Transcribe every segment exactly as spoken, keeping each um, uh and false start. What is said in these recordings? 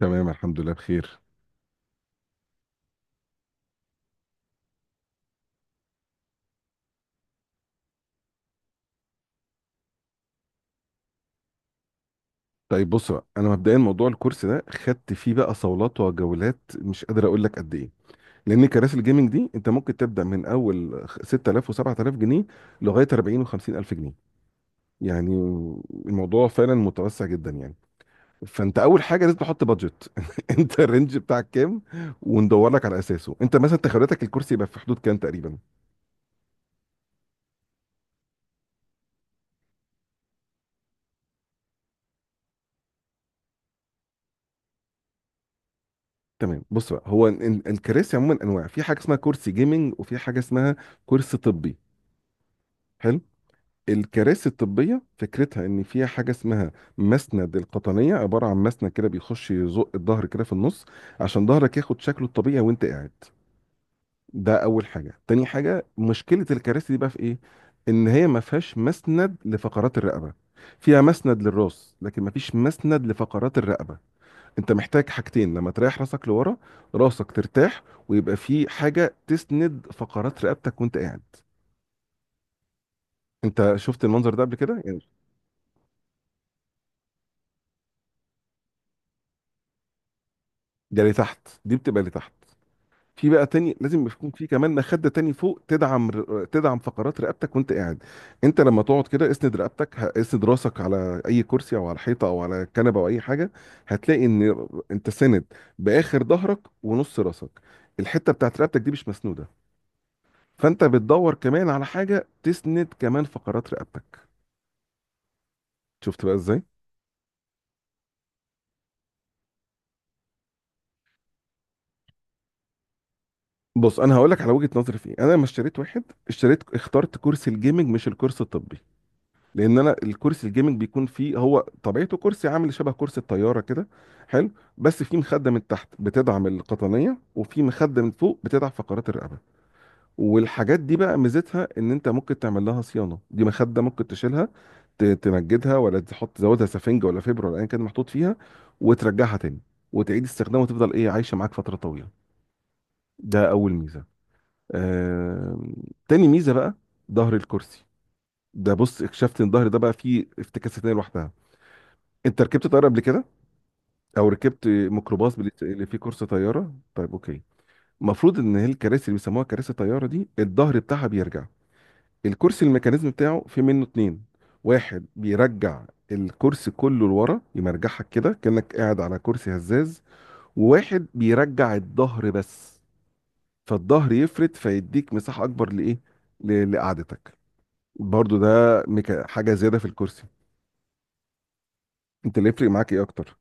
تمام، الحمد لله بخير. طيب، بص بقى، انا مبدئيا موضوع الكورس ده خدت فيه بقى صولات وجولات، مش قادر اقول لك قد ايه. لان كراسي الجيمنج دي انت ممكن تبدا من اول خ- ستة آلاف و7000 جنيه لغايه اربعين و50 الف جنيه، يعني الموضوع فعلا متوسع جدا، يعني. فانت اول حاجه لازم تحط بادجت. انت الرينج بتاعك كام؟ وندور لك على اساسه. انت مثلا تخيلاتك الكرسي يبقى في حدود كام تقريبا؟ تمام، بص بقى، هو ال- ال- الكراسي عموما انواع. في حاجه اسمها كرسي جيمنج، وفي حاجه اسمها كرسي طبي. حلو. الكراسي الطبية فكرتها إن فيها حاجة اسمها مسند القطنية، عبارة عن مسند كده بيخش يزق الظهر كده في النص عشان ظهرك ياخد شكله الطبيعي وأنت قاعد. ده أول حاجة. تاني حاجة، مشكلة الكراسي دي بقى في إيه؟ إن هي ما فيهاش مسند لفقرات الرقبة. فيها مسند للراس لكن ما فيش مسند لفقرات الرقبة. أنت محتاج حاجتين، لما تريح راسك لورا راسك ترتاح ويبقى في حاجة تسند فقرات رقبتك وأنت قاعد. أنت شفت المنظر ده قبل كده؟ يعني ده لتحت، دي بتبقى لتحت. في بقى تاني لازم يكون في كمان مخدة تاني فوق تدعم ر- تدعم فقرات رقبتك وانت قاعد. انت لما تقعد كده اسند رقبتك، ه- اسند راسك على اي كرسي او على حيطة او على كنبة او اي حاجة. هتلاقي ان انت ساند باخر ظهرك ونص راسك، الحتة بتاعت رقبتك دي مش مسنودة. فانت بتدور كمان على حاجة تسند كمان فقرات رقبتك. شفت بقى ازاي؟ بص، انا هقول لك على وجهة نظري في ايه. انا لما اشتريت واحد، اشتريت اخترت كرسي الجيمنج مش الكرسي الطبي. لان انا الكرسي الجيمنج بيكون فيه، هو طبيعته كرسي عامل شبه كرسي الطياره كده. حلو. بس فيه مخده من تحت بتدعم القطنيه، وفي مخده من فوق بتدعم فقرات الرقبه. والحاجات دي بقى ميزتها ان انت ممكن تعمل لها صيانه. دي مخده ممكن تشيلها، ت- تمجدها ولا تحط تزودها سفنجه ولا فبره ولا ايا كان محطوط فيها وترجعها تاني وتعيد استخدامها وتفضل ايه، عايشه معاك فتره طويله. ده اول ميزه. آم، تاني ميزه بقى ظهر الكرسي ده، بص اكتشفت ان الظهر ده بقى فيه افتكاسات لوحدها. انت ركبت طياره قبل كده؟ او ركبت ميكروباص بال- اللي فيه كرسي طياره؟ طيب، اوكي. المفروض ان هي الكراسي اللي بيسموها كراسي طياره دي الظهر بتاعها بيرجع. الكرسي الميكانيزم بتاعه في منه اتنين. واحد بيرجع الكرسي كله لورا يمرجحك كده كانك قاعد على كرسي هزاز، وواحد بيرجع الظهر بس. فالظهر يفرد فيديك مساحه اكبر لايه، ل- لقعدتك. برضو ده ميكا- حاجه زياده في الكرسي. انت اللي يفرق معاك ايه اكتر؟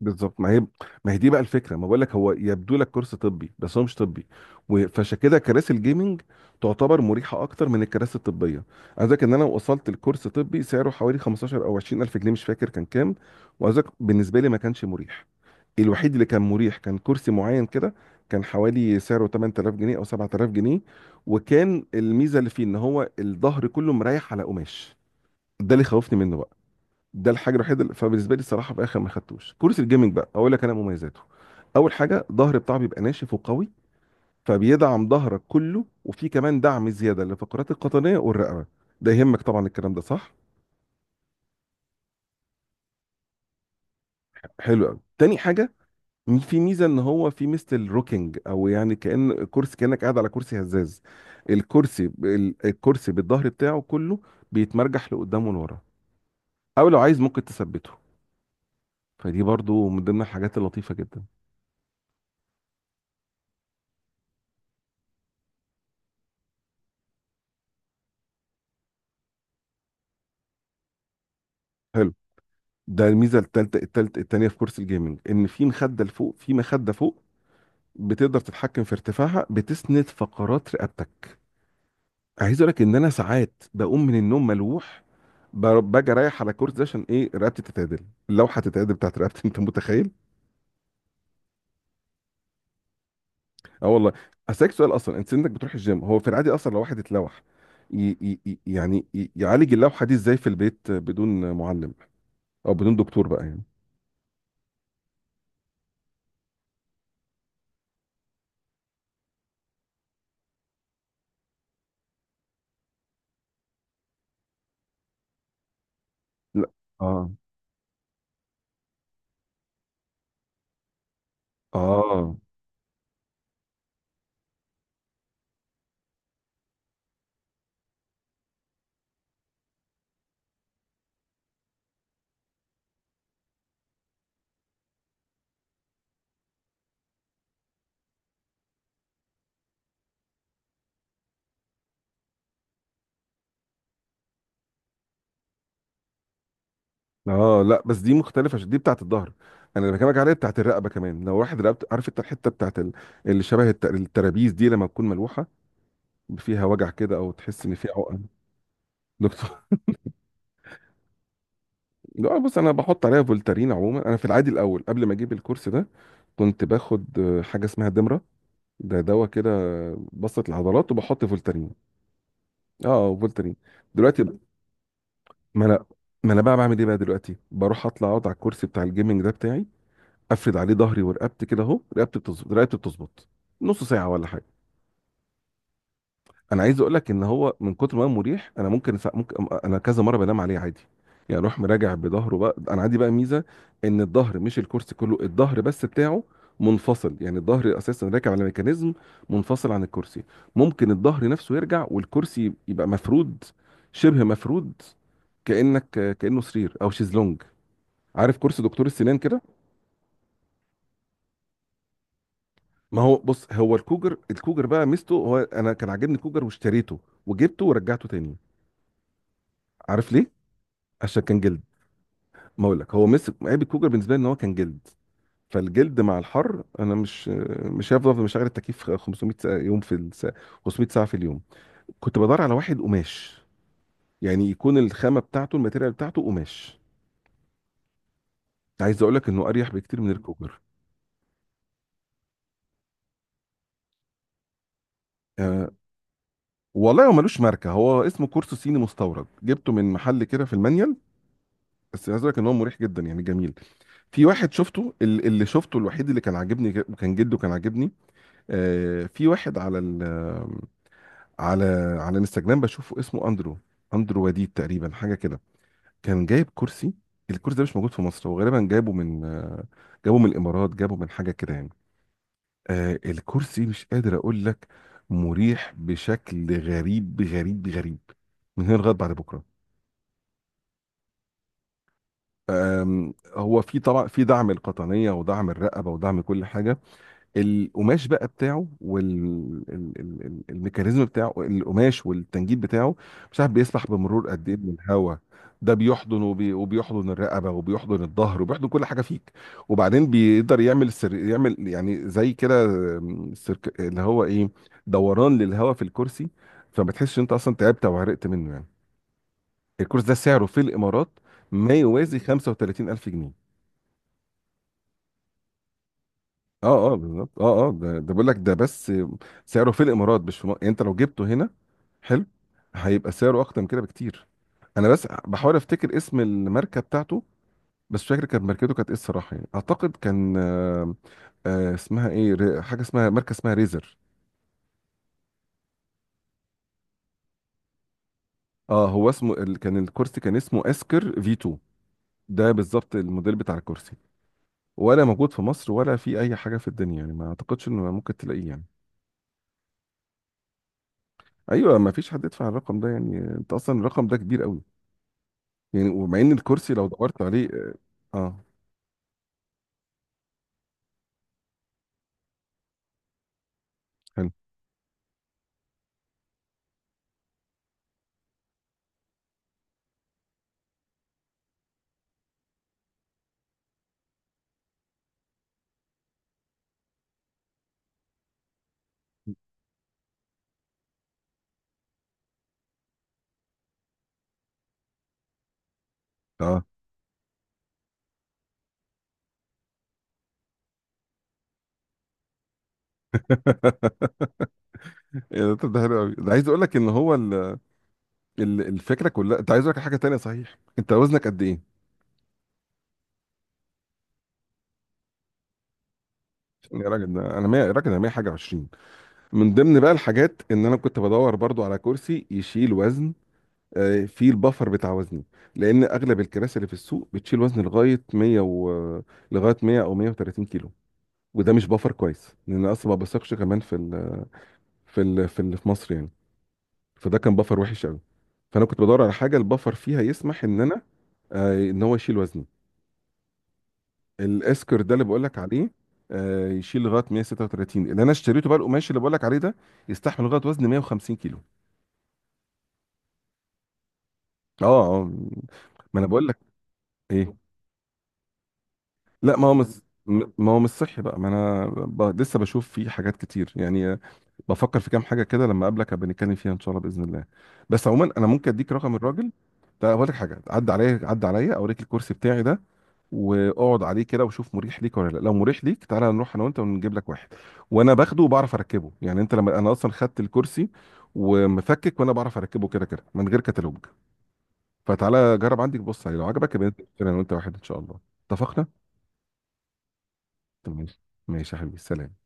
بالظبط، ما هي، ما هي دي بقى الفكره. ما بقول لك، هو يبدو لك كورس طبي بس هو مش طبي. و- فعشان كده كراسي الجيمنج تعتبر مريحه اكتر من الكراسي الطبيه. عايز أقولك ان انا وصلت لكورس طبي سعره حوالي خمستاشر او عشرين الف جنيه، مش فاكر كان كام. وعايز أقولك بالنسبه لي ما كانش مريح. الوحيد اللي كان مريح كان كرسي معين كده، كان حوالي سعره ثمانية آلاف جنيه او سبعة آلاف جنيه، وكان الميزه اللي فيه ان هو الظهر كله مريح على قماش. ده اللي خوفني منه. ده الحاجه الوحيده اللي- فبالنسبه لي الصراحه في الاخر ما خدتوش كرسي الجيمنج بقى. اقول لك انا مميزاته، اول حاجه ظهر بتاعه بيبقى ناشف وقوي، فبيدعم ظهرك كله وفي كمان دعم زياده للفقرات القطنيه والرقبه. ده يهمك طبعا، الكلام ده صح؟ حلو قوي. تاني حاجه، م- في ميزه ان هو في ميزه الروكينج، او يعني كان كرسي كانك قاعد على كرسي هزاز. الكرسي ب- ال- الكرسي بالظهر بتاعه كله بيتمرجح لقدام ولورا، او لو عايز ممكن تثبته. فدي برضو من ضمن الحاجات اللطيفه جدا. حلو. ده الميزه التالتة، التالتة التانيه في كورس الجيمنج، ان في مخده لفوق، في مخده فوق بتقدر تتحكم في ارتفاعها بتسند فقرات رقبتك. عايز اقول لك ان انا ساعات بقوم من النوم ملوح، ب- باجي رايح على الكورس ده عشان ايه؟ رقبتي تتعدل، اللوحه تتعدل بتاعت رقبتي. انت متخيل؟ اه والله. اسالك سؤال اصلا، انت سنك بتروح الجيم؟ هو في العادي اصلا لو واحد اتلوح ي... ي... ي- يعني ي... يعالج اللوحه دي ازاي في البيت بدون معلم او بدون دكتور بقى يعني؟ لا. اه. اه. اه. لا بس دي مختلفه عشان دي بتاعت الظهر. انا اللي بكلمك عليها بتاعت الرقبه كمان. لو واحد رقبته، عارف انت الحته بتاعت ال- اللي شبه الت- الترابيز دي لما تكون ملوحه، فيها وجع كده او تحس ان فيها عقم. دكتور. لا بص، انا بحط عليها فولتارين. عموما انا في العادي الاول قبل ما اجيب الكورس ده، كنت باخد آه، حاجه اسمها دمره. ده دواء كده بسط العضلات، وبحط فولتارين. اه، فولتارين. دلوقتي. ما انا ما انا بقى بعمل ايه بقى دلوقتي؟ بروح اطلع اقعد على الكرسي بتاع الجيمنج ده بتاعي، افرد عليه ظهري ورقبتي كده اهو. رقبتي بتظبط، رقبتي بتظبط نص ساعه ولا حاجه. انا عايز اقول لك ان هو من كتر ما هو مريح، انا ممكن سا... ممكن انا كذا مره بنام عليه عادي، يعني اروح مراجع بظهره. بقى انا عندي بقى ميزه ان الظهر مش الكرسي كله، الظهر بس بتاعه منفصل. يعني الظهر اساسا راكب على ميكانيزم منفصل عن الكرسي. ممكن الظهر نفسه يرجع والكرسي يبقى مفرود، شبه مفرود، كانك كانه سرير او شيزلونج. عارف كرسي دكتور السنان كده؟ ما هو بص، هو الكوجر، الكوجر بقى ميزته، هو انا كان عاجبني الكوجر واشتريته وجبته ورجعته تاني. عارف ليه؟ عشان كان جلد. ما اقول لك، هو مسك عيب الكوجر بالنسبه لي ان هو كان جلد. فالجلد مع الحر انا مش مش هفضل أفضل مشغل التكييف خمسمية ساعة يوم في الساعة، خمسمئة ساعه في اليوم. كنت بدور على واحد قماش، يعني يكون الخامه بتاعته الماتيريال بتاعته قماش. عايز اقول لك انه اريح بكتير من الكوجر. آه والله، هو ملوش ماركه، هو اسمه كورسو صيني مستورد، جبته من محل كده في المانيال. بس عايز اقول لك ان هو مريح جدا، يعني جميل. في واحد شفته ال- اللي شفته الوحيد اللي كان عاجبني كان جده، كان عاجبني. آه، في واحد على ال على على الانستجرام بشوفه اسمه اندرو. اندرو وديد تقريبا، حاجه كده. كان جايب كرسي. الكرسي ده مش موجود في مصر، هو غالبا جايبه من، آه، جابه من الامارات، جابه من حاجه كده يعني. آه، الكرسي مش قادر اقول لك، مريح بشكل غريب غريب غريب، من هنا لغايه بعد بكره. آم، هو في طبعا في دعم القطنيه ودعم الرقبه ودعم كل حاجه. القماش بقى بتاعه والميكانيزم بتاعه، القماش والتنجيد بتاعه مش عارف بيسمح بمرور قد ايه من الهواء. ده بيحضن وبي... وبيحضن الرقبه وبيحضن الظهر وبيحضن كل حاجه فيك. وبعدين بيقدر يعمل سر... يعمل يعني زي كده، آم، سيرك... اللي هو ايه، دوران للهواء في الكرسي، فما تحسش انت اصلا تعبت او عرقت منه يعني. الكرسي ده سعره في الامارات ما يوازي خمسة وتلاتين الف جنيه. اه اه، بالظبط. اه اه، ده, ده بقول لك، ده بس سعره في الامارات مش في مصر. يعني انت لو جبته هنا، حلو، هيبقى سعره اكتر من كده بكتير. انا بس بحاول افتكر اسم الماركه بتاعته. بس مش فاكر كانت ماركته كانت ايه الصراحه، يعني اعتقد كان، آه آه اسمها ايه، ري- حاجه اسمها ماركه اسمها ريزر. اه، هو اسمه ال- كان الكرسي كان اسمه اسكر في اتنين. ده بالظبط الموديل بتاع الكرسي. ولا موجود في مصر ولا في اي حاجه في الدنيا يعني، ما اعتقدش انه ممكن تلاقيه يعني. ايوه، ما فيش حد يدفع الرقم ده يعني، انت اصلا الرقم ده كبير قوي. يعني ومع ان الكرسي لو دورت عليه، اه، آه، حلو اه. إيه ده؟ طب ده حلو قوي. ده عايز اقول لك ان هو ال... ال- الفكره كلها. انت عايز اقول لك حاجه تانية صحيح، انت وزنك قد ايه؟ يا راجل ده انا مية، يا راجل انا مية حاجه عشرين. من ضمن بقى الحاجات، ان انا كنت بدور برضو على كرسي يشيل وزن، آه، فيه البفر بتاع وزني. لان اغلب الكراسي اللي في السوق بتشيل وزن لغايه مية و... لغايه مية او ميه وتلاتين كيلو، وده مش بفر كويس لان أنا اصلا ما بثقش كمان في ال... في ال... في ال... في مصر يعني. فده كان بفر وحش قوي، فانا كنت بدور على حاجه البفر فيها يسمح ان انا، آه، ان هو يشيل وزني. الاسكر ده اللي بقول لك عليه، آه، يشيل لغايه ميه وستة وتلاتين. اللي انا اشتريته بقى القماش اللي بقول لك عليه ده، يستحمل لغايه وزن ميه وخمسين كيلو. اه. اه. ما انا بقول لك ايه. لا ما هو مش م- ما هو مش صحي بقى. ما انا ب... لسه بشوف فيه حاجات كتير يعني، آه، بفكر في كام حاجه كده لما اقابلك، هبقى نتكلم فيها ان شاء الله باذن الله. بس عموما انا ممكن اديك رقم الراجل ده، اقول لك حاجه، عدى عليا عدى عليا اوريك الكرسي بتاعي ده، واقعد عليه كده وشوف مريح ليك ولا لا. لو مريح ليك تعالى نروح انا وانت ونجيب لك واحد، وانا باخده وبعرف اركبه. يعني انت لما، انا اصلا خدت الكرسي ومفكك وانا بعرف اركبه كده كده من غير كتالوج. فتعالى جرب عندك بص عليه، لو عجبك يبقى ننزل نشتري انا وانت واحد ان شاء الله. اتفقنا. تمام. ماشي يا حبيبي، سلام.